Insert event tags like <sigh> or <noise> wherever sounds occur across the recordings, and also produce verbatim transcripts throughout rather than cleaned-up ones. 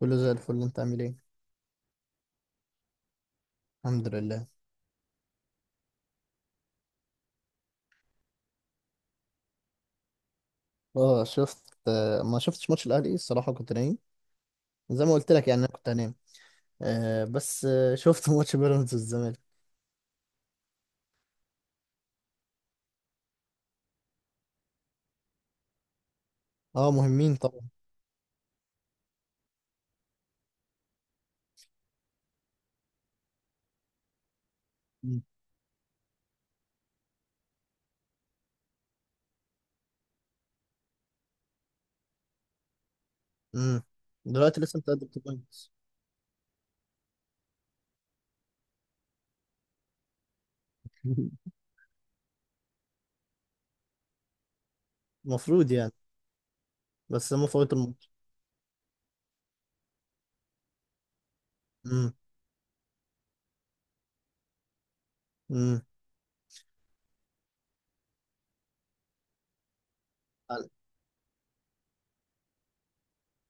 كله زي الفل، انت عامل ايه؟ الحمد لله. اه شفت، آه، ما شفتش ماتش الاهلي الصراحه، كنت نايم. زي ما قلت لك يعني، انا كنت هنام. آه بس آه شفت <laughs> ماتش بيراميدز والزمالك. اه مهمين طبعا. مم. مم. دلوقتي لسه متقدم بوينتس. <laughs> المفروض يعني. بس هم فوتوا الماتش. امم. امم.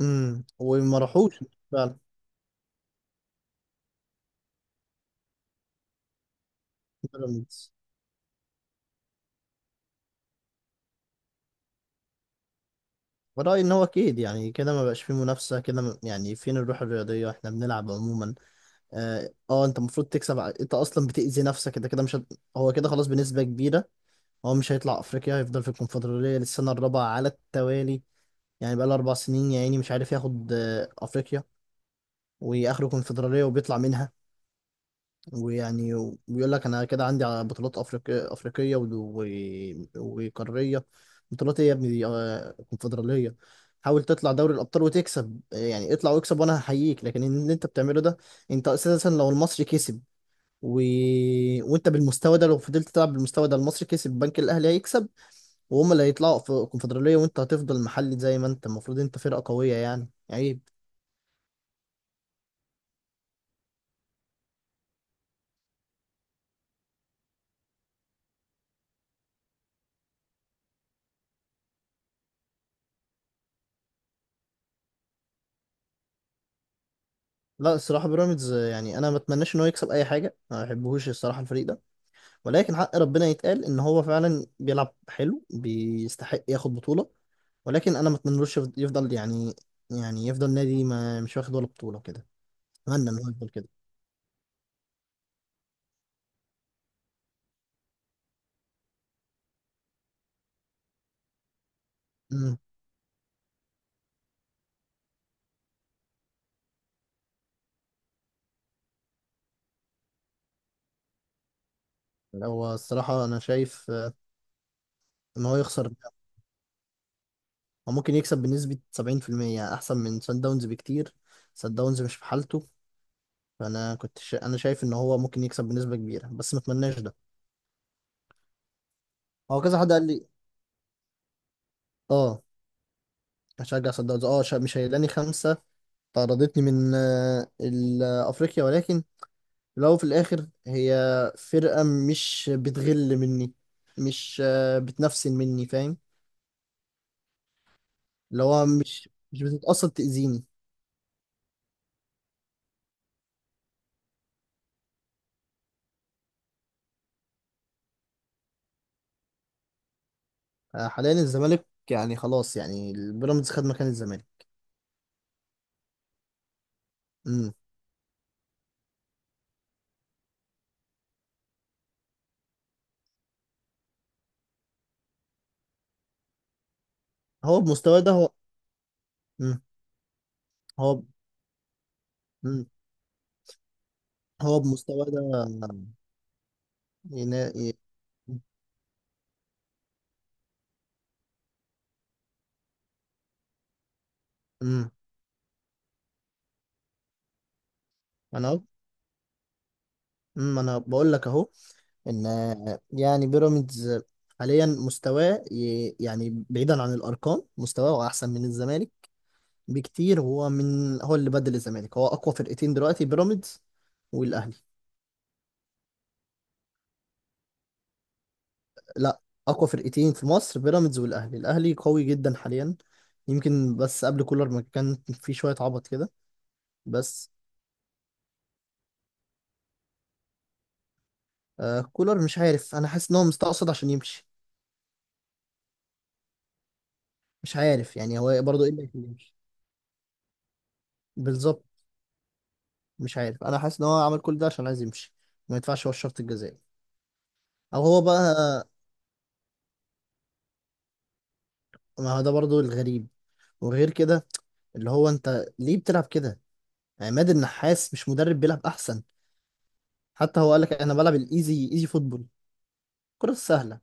امم وما راحوش فعلا. بيراميدز، ورأيي ان هو اكيد، يعني كده ما بقاش فيه منافسه كده. ما- يعني فين الروح الرياضيه؟ احنا بنلعب عموما. اه آه، انت المفروض تكسب، ع- انت اصلا بتأذي نفسك، انت كده مش هت... هو كده خلاص بنسبة كبيرة. هو مش هيطلع افريقيا، هيفضل في الكونفدرالية للسنة الرابعة على التوالي. يعني بقى له اربع سنين يا عيني مش عارف ياخد آه، افريقيا. واخره كونفدرالية وبيطلع منها. ويعني وبيقول لك انا كده عندي على بطولات افريقية افريقية ود- و... وقارية. بطولات ايه يا ابني دي؟ آه، كونفدرالية. حاول تطلع دوري الابطال وتكسب، آه، يعني اطلع واكسب وانا هحييك، لكن اللي انت بتعمله ده، انت اساسا لو المصري كسب و... وانت بالمستوى ده، لو فضلت تلعب بالمستوى ده، المصري كسب، البنك الاهلي هيكسب، وهم اللي هيطلعوا في الكونفدراليه وانت هتفضل محلي. زي ما انت المفروض، انت فرقه قويه، يعني عيب. لا الصراحه بيراميدز، يعني انا ما اتمناش ان هو يكسب اي حاجه، ما بحبهوش الصراحه الفريق ده، ولكن حق ربنا يتقال ان هو فعلا بيلعب حلو، بيستحق ياخد بطوله. ولكن انا ما اتمنلوش يفض- يفضل يعني، يعني يفضل نادي ما مش واخد ولا بطوله كده. اتمنى ان هو يفضل كده. امم. هو الصراحه انا شايف، آه، ان هو يخسر. هو ممكن يكسب بنسبة سبعين بالمية أحسن من سان داونز بكتير. سان داونز مش في حالته. فأنا كنت شا... أنا شايف إن هو ممكن يكسب بنسبة كبيرة، بس ما أتمناش ده. هو كذا حد قال لي. أه هشجع سان داونز. أه شا... مش هيلاني خمسة. طردتني من آه، ال- آه، أفريقيا، ولكن في الأول وفي الآخر هي فرقة مش بتغل مني، مش آه، بتنفسن مني، فاهم؟ اللي هو مش مش بتتقصد تأذيني. آه، حاليا الزمالك يعني خلاص، يعني البيراميدز خد مكان الزمالك. امم. هو بمستواه ده هو مم. هو مم. هو بمستوى ده ينا... ي- مم. انا أهو- مم. انا بقول لك اهو، ان يعني بيراميدز حاليا مستواه ي... يعني بعيدا عن الارقام، مستواه احسن من الزمالك بكتير. هو من، هو اللي بدل الزمالك، هو اقوى فرقتين دلوقتي، بيراميدز والاهلي. لا، اقوى فرقتين في مصر بيراميدز والاهلي، الاهلي قوي جدا حاليا. يمكن بس قبل كولر ما كان في شوية عبط كده. بس آه كولر، مش عارف، انا حاسس ان هو مستقصد عشان يمشي. مش عارف يعني، هو برضه ايه اللي هيخليه يمشي؟ بالظبط. مش عارف، انا حاسس ان هو عمل كل ده عشان عايز يمشي. ما يدفعش هو الشرط الجزائي، او هو بقى. ما هو ده برضه الغريب، وغير كده اللي هو انت ليه بتلعب كده؟ عماد النحاس مش مدرب بيلعب احسن؟ حتى هو قال لك انا بلعب الايزي ايزي فوتبول، الكرة السهلة.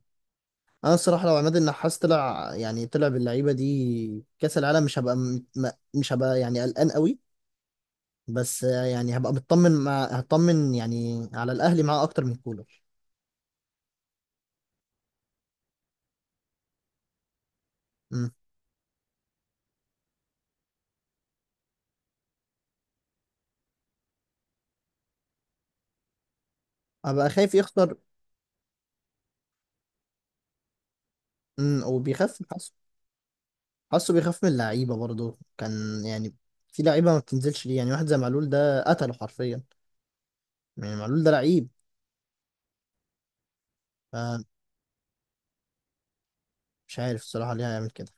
انا الصراحة لو عماد النحاس طلع، يعني طلع باللعيبة دي كأس العالم، مش هبقى م- م- مش هبقى يعني قلقان قوي. بس آه، يعني هبقى مطمن، مع هطمن يعني على الاهلي معاه اكتر من كولر. امم. هبقى خايف يخسر. امم وبيخاف حاسه، حاسه بيخاف من اللعيبه برضه كان يعني. في لعيبه ما بتنزلش ليه، يعني واحد زي معلول ده قتله حرفيا. يعني معلول ده لعيب. فمش عارف الصراحه ليه هيعمل كده.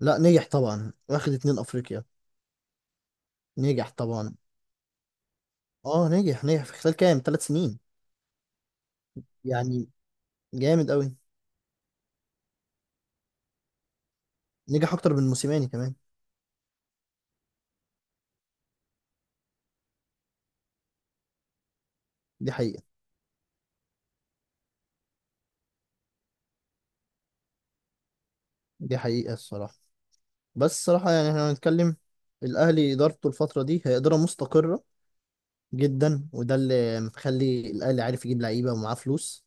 لا نجح طبعا، واخد اتنين افريقيا. نجح طبعا. اه نجح، نجح في خلال كام، ثلاث سنين يعني، جامد قوي. نجح اكتر من موسيماني كمان. دي حقيقه. دي حقيقه الصراحه. بس صراحة يعني احنا هنتكلم، الأهلي إدارته الفترة دي هي إدارة مستقرة جدا، وده اللي مخلي الأهلي عارف يجيب لعيبة ومعاه فلوس.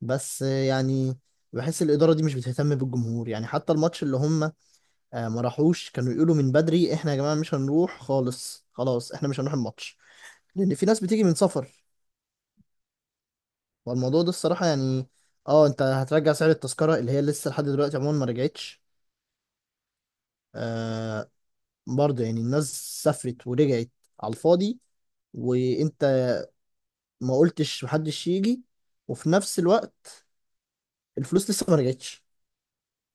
بس يعني بحس الإدارة دي مش بتهتم بالجمهور. يعني حتى الماتش اللي هم آه، ما راحوش، كانوا يقولوا من بدري احنا يا جماعة مش هنروح خالص، خلاص احنا مش هنروح الماتش، لأن في ناس بتيجي من سفر. والموضوع ده الصراحة يعني، اه انت هترجع سعر التذكرة اللي هي لسه لحد دلوقتي عموما ما رجعتش. آه برضه يعني الناس سافرت ورجعت على الفاضي، وانت ما قلتش محدش يجي، وفي نفس الوقت الفلوس لسه ما رجعتش،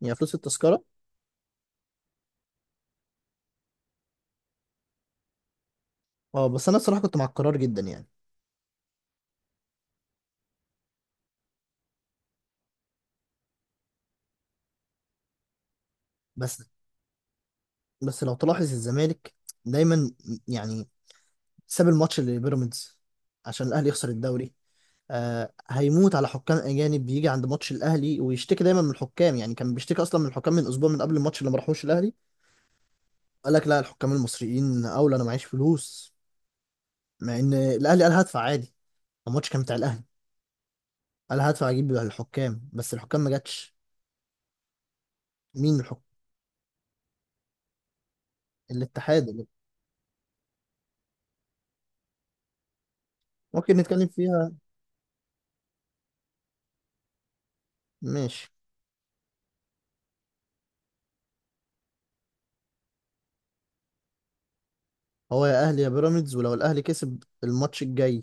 يعني فلوس التذكرة. اه بس انا الصراحة كنت مع القرار جدا يعني. بس بس لو تلاحظ الزمالك دايما يعني ساب الماتش لبيراميدز عشان الاهلي يخسر الدوري. آه هيموت على حكام اجانب، بيجي عند ماتش الاهلي ويشتكي دايما من الحكام. يعني كان بيشتكي اصلا من الحكام من اسبوع من قبل الماتش اللي ما راحوش الاهلي. قال لك لا الحكام المصريين اولى، انا معيش فلوس، مع ان الاهلي قال هدفع عادي، الماتش كان بتاع الاهلي، قال هدفع اجيب الحكام، بس الحكام ما جاتش. مين الحكام؟ الاتحاد اللي- ممكن نتكلم فيها. ماشي. هو يا اهلي يا بيراميدز، ولو الاهلي كسب الماتش الجاي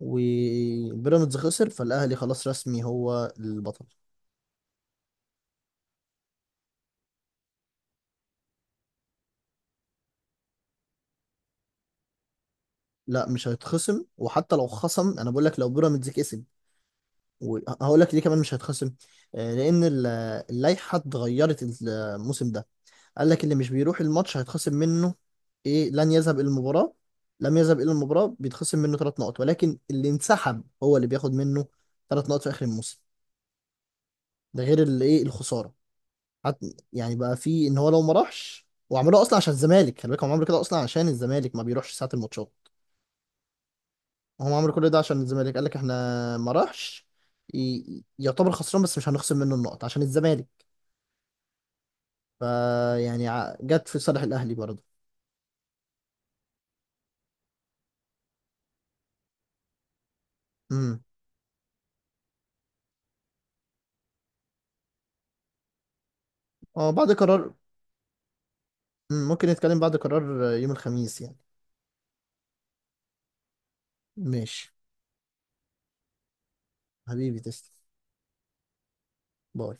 وبيراميدز خسر فالاهلي خلاص رسمي هو البطل. لا مش هيتخصم، وحتى لو خصم انا بقول لك لو بيراميدز كسب، وهقول لك ليه كمان مش هيتخصم. آه، لان ال- اللائحه اتغيرت الموسم ده. قال لك اللي مش بيروح الماتش هيتخصم منه، ايه لن يذهب الى المباراة، لم يذهب الى المباراة بيتخصم منه ثلاث نقط، ولكن اللي انسحب هو اللي بياخد منه ثلاث نقط في اخر الموسم. ده غير اللي ايه الخسارة. حت يعني بقى في ان هو لو ما راحش، وعملوها اصلا عشان الزمالك، خلي بالك هم عملوا كده اصلا عشان الزمالك ما بيروحش ساعة الماتشات. هم عملوا كل ده عشان الزمالك، قال لك احنا ما راحش ي- يعتبر خسران، بس مش هنخصم منه النقط عشان الزمالك. فيعني جت في صالح الاهلي برضه. امم. اه بعد قرار، ممكن نتكلم بعد قرار يوم الخميس يعني. ماشي. حبيبي تسلم. باي.